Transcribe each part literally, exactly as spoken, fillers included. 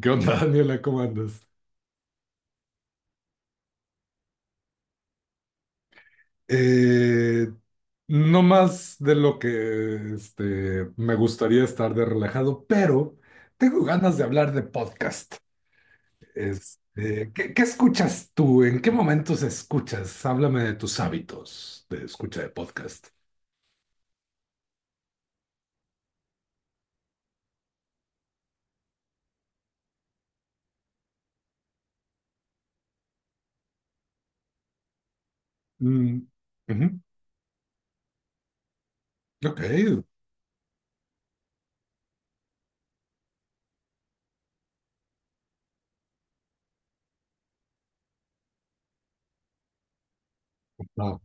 ¿Qué onda, Daniela? ¿Cómo andas? Eh, no más de lo que este, me gustaría estar de relajado, pero tengo ganas de hablar de podcast. Este, ¿qué, qué escuchas tú? ¿En qué momentos escuchas? Háblame de tus hábitos de escucha de podcast. Mm, ujú, ok, va.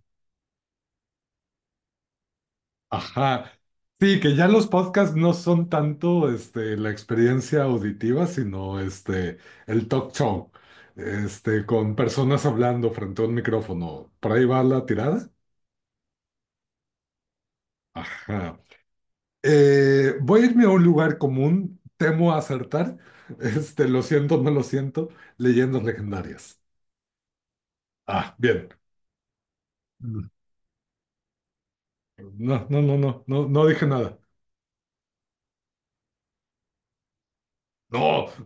Ajá. Sí, que ya los podcasts no son tanto este, la experiencia auditiva, sino este, el talk show, este, con personas hablando frente a un micrófono. ¿Por ahí va la tirada? Ajá. Eh, voy a irme a un lugar común, temo acertar, este, lo siento, no lo siento, leyendas legendarias. Ah, bien. Mm. No, no, no, no, no, no dije nada. No.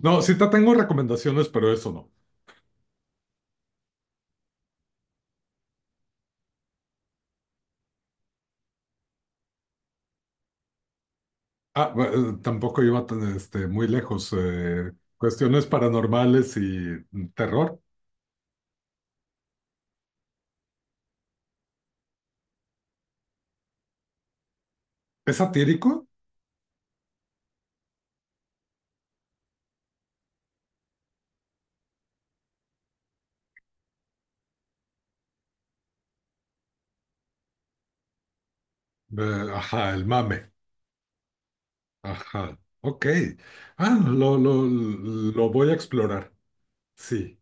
No, sí te tengo recomendaciones, pero eso no. Ah, bu- eh, tampoco iba tan, este, muy lejos. Eh, cuestiones paranormales y mm, terror. ¿Es satírico? Eh, ajá, el mame. Ajá, ok. Ah, lo, lo, lo voy a explorar. Sí,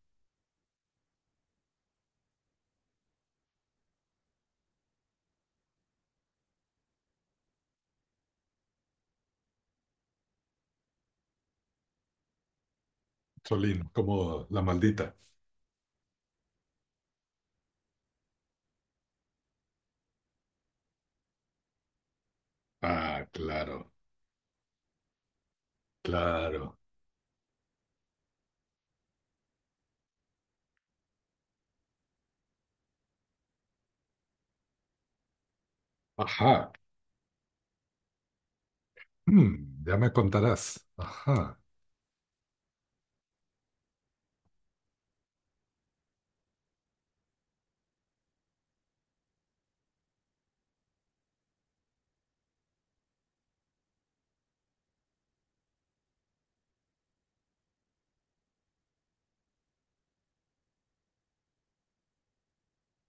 Solín, como la maldita. Ah, claro, claro. Ajá, mm, ya me contarás. Ajá.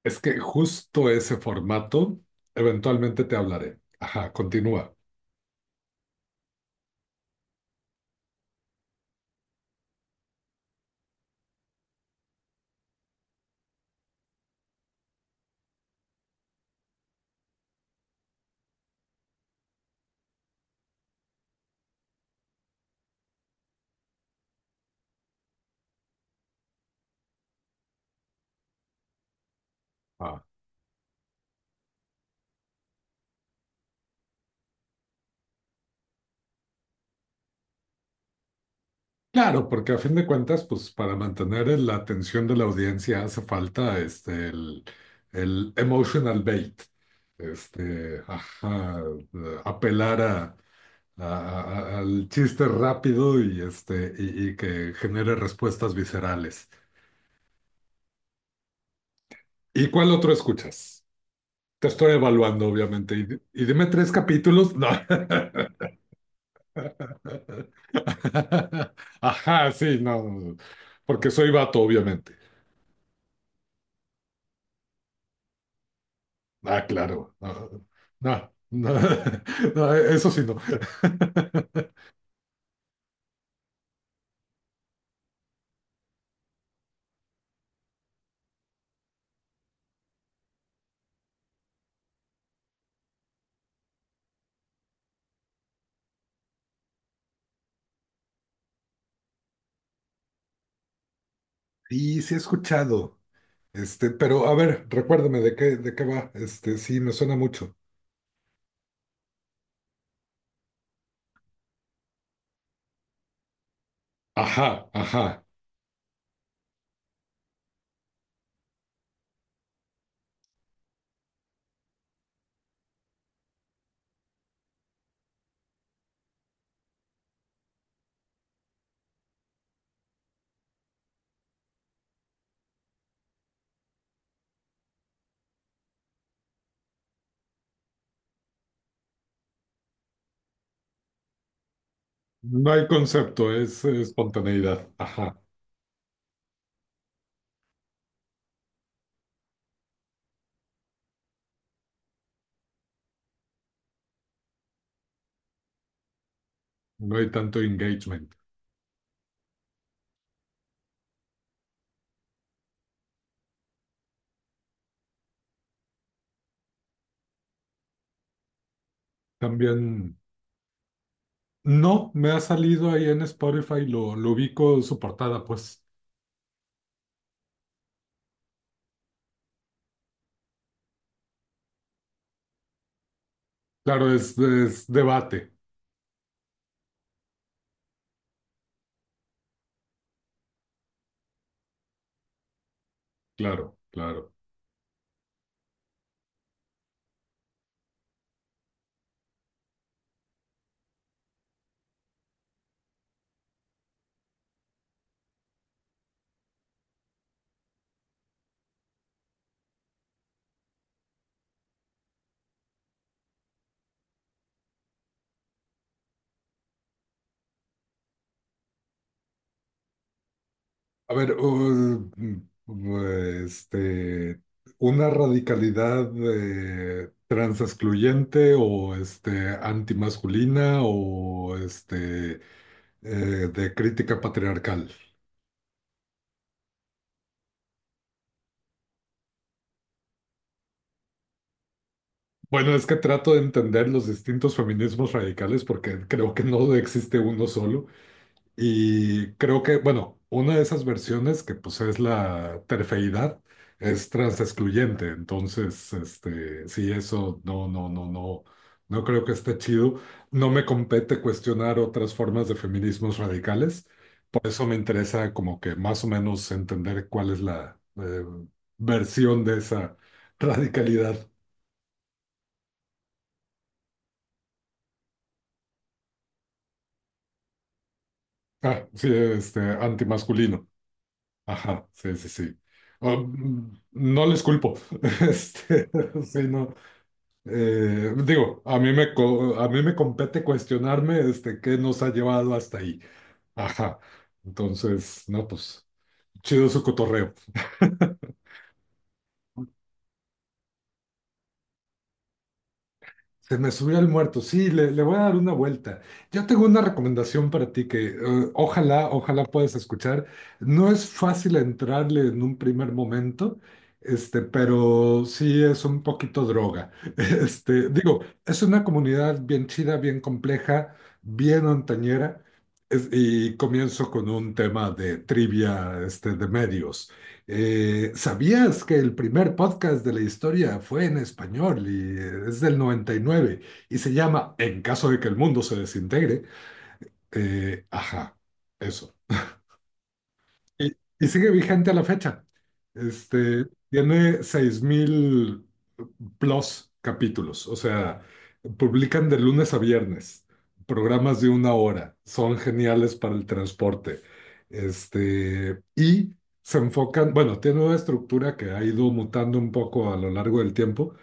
Es que justo ese formato, eventualmente te hablaré. Ajá, continúa. Ah. Claro, porque a fin de cuentas, pues para mantener el- la atención de la audiencia hace falta este, el, el emotional bait, este, ajá, eh, apelar a- a- a- al chiste rápido y, este, y, y que genere respuestas viscerales. ¿Y cuál otro escuchas? Te estoy evaluando, obviamente. Y, di- y dime tres capítulos. No. Ajá, sí, no, porque soy vato, obviamente. Ah, claro. No, no, no, no, eso sí no. Y sí he escuchado. Este, pero a ver, recuérdame de qué, de qué va. Este, sí, me suena mucho. Ajá, ajá. No hay concepto, es eh, espontaneidad. Ajá. No hay tanto engagement. También, no, me ha salido ahí en Spotify, lo, lo ubico su portada, pues. Claro, es, es debate. Claro, claro. A ver, u- este, una radicalidad eh, trans excluyente o este, antimasculina o este, eh, de crítica patriarcal. Bueno, es que trato de entender los distintos feminismos radicales porque creo que no existe uno solo. Y creo que, bueno, una de esas versiones que pues es la terfeidad es transexcluyente, entonces, este, sí, eso no, no, no, no, no creo que esté chido. No me compete cuestionar otras formas de feminismos radicales, por eso me interesa como que más o menos entender cuál es la eh, versión de esa radicalidad. Ah, sí, este, antimasculino. Ajá, sí, sí, sí. Oh, mm, no les culpo. Este, sí, no. Eh, digo, a mí me, co- a mí me compete cuestionarme, este, qué nos ha llevado hasta ahí. Ajá. Entonces, no, pues, chido su cotorreo. Se me subió el muerto. Sí, le, le voy a dar una vuelta. Yo tengo una recomendación para ti que eh, ojalá, ojalá puedas escuchar. No es fácil entrarle en un primer momento, este, pero sí es un poquito droga. Este, digo, es una comunidad bien chida, bien compleja, bien montañera, es- y comienzo con un tema de trivia, este, de medios. Eh, ¿sabías que el primer podcast de la historia fue en español y eh, es del noventa y nueve y nueve y se llama En caso de que el mundo se desintegre? Eh, ajá, eso. Y, y sigue vigente a la fecha. Este, tiene seis mil plus capítulos, o sea, publican de lunes a viernes, programas de una hora, son geniales para el transporte. Este, y se enfocan, bueno, tiene una estructura que ha ido mutando un poco a lo largo del tiempo,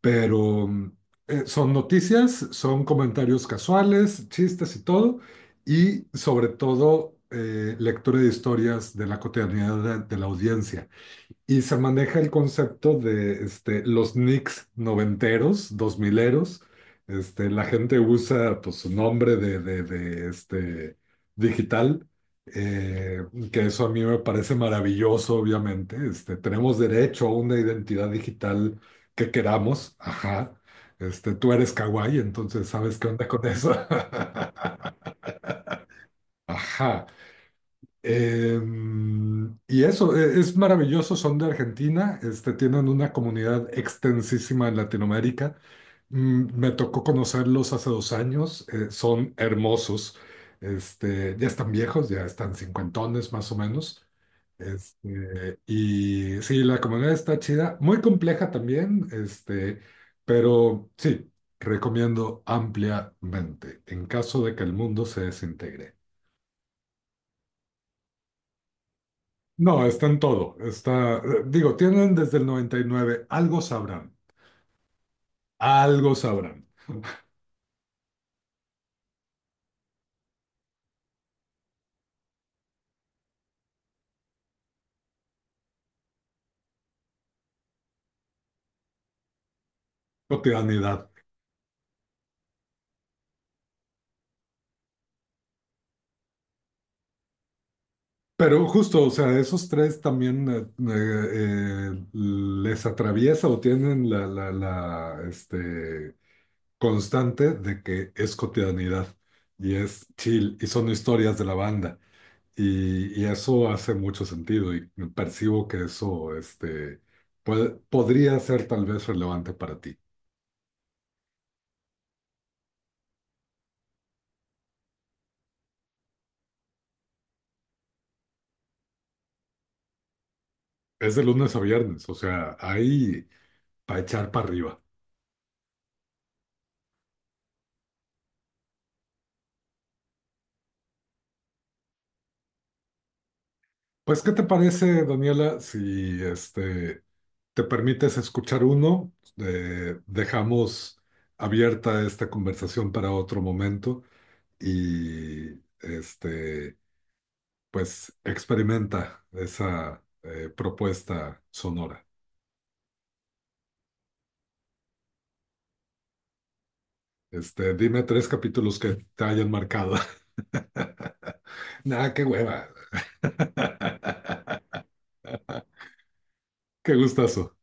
pero mm, eh, son noticias, son comentarios casuales, chistes y todo, y sobre todo eh, lectura de historias de la cotidianidad de, de la audiencia. Y se maneja el concepto de este, los nicks noventeros, dos mileros. Este, la gente usa pues, su nombre de, de- de, este, digital, eh, que eso a mí me parece maravilloso, obviamente. Este, tenemos derecho a una identidad digital que queramos. Ajá. Este, tú eres kawaii, entonces sabes qué onda con eso. Ajá. Em, y eso, e- es maravilloso, son de Argentina, este, tienen una comunidad extensísima en Latinoamérica. Mm, Me tocó conocerlos hace dos años, eh, son hermosos, este, ya están viejos, ya están cincuentones más o menos. Este, y sí, la comunidad está chida, muy compleja también, este, pero sí, recomiendo ampliamente en caso de que el mundo se desintegre. No, está en todo. Está, digo, tienen desde el noventa y nueve algo sabrán, algo sabrán. Cotidianidad. Pero justo, o sea, esos tres también eh, eh, eh, les atraviesa o tienen la, la, la, este, constante de que es cotidianidad y es chill y son historias de la banda. Y, y eso hace mucho sentido y percibo que eso este, puede- podría ser tal vez relevante para ti. Es de lunes a viernes, o sea, ahí para echar para arriba. Pues, ¿qué te parece, Daniela, si este, te permites escuchar uno? Eh, dejamos abierta esta conversación para otro momento y este, pues experimenta esa eh, propuesta sonora. Este, dime tres capítulos que te hayan marcado. Nada, qué hueva. Qué gustazo.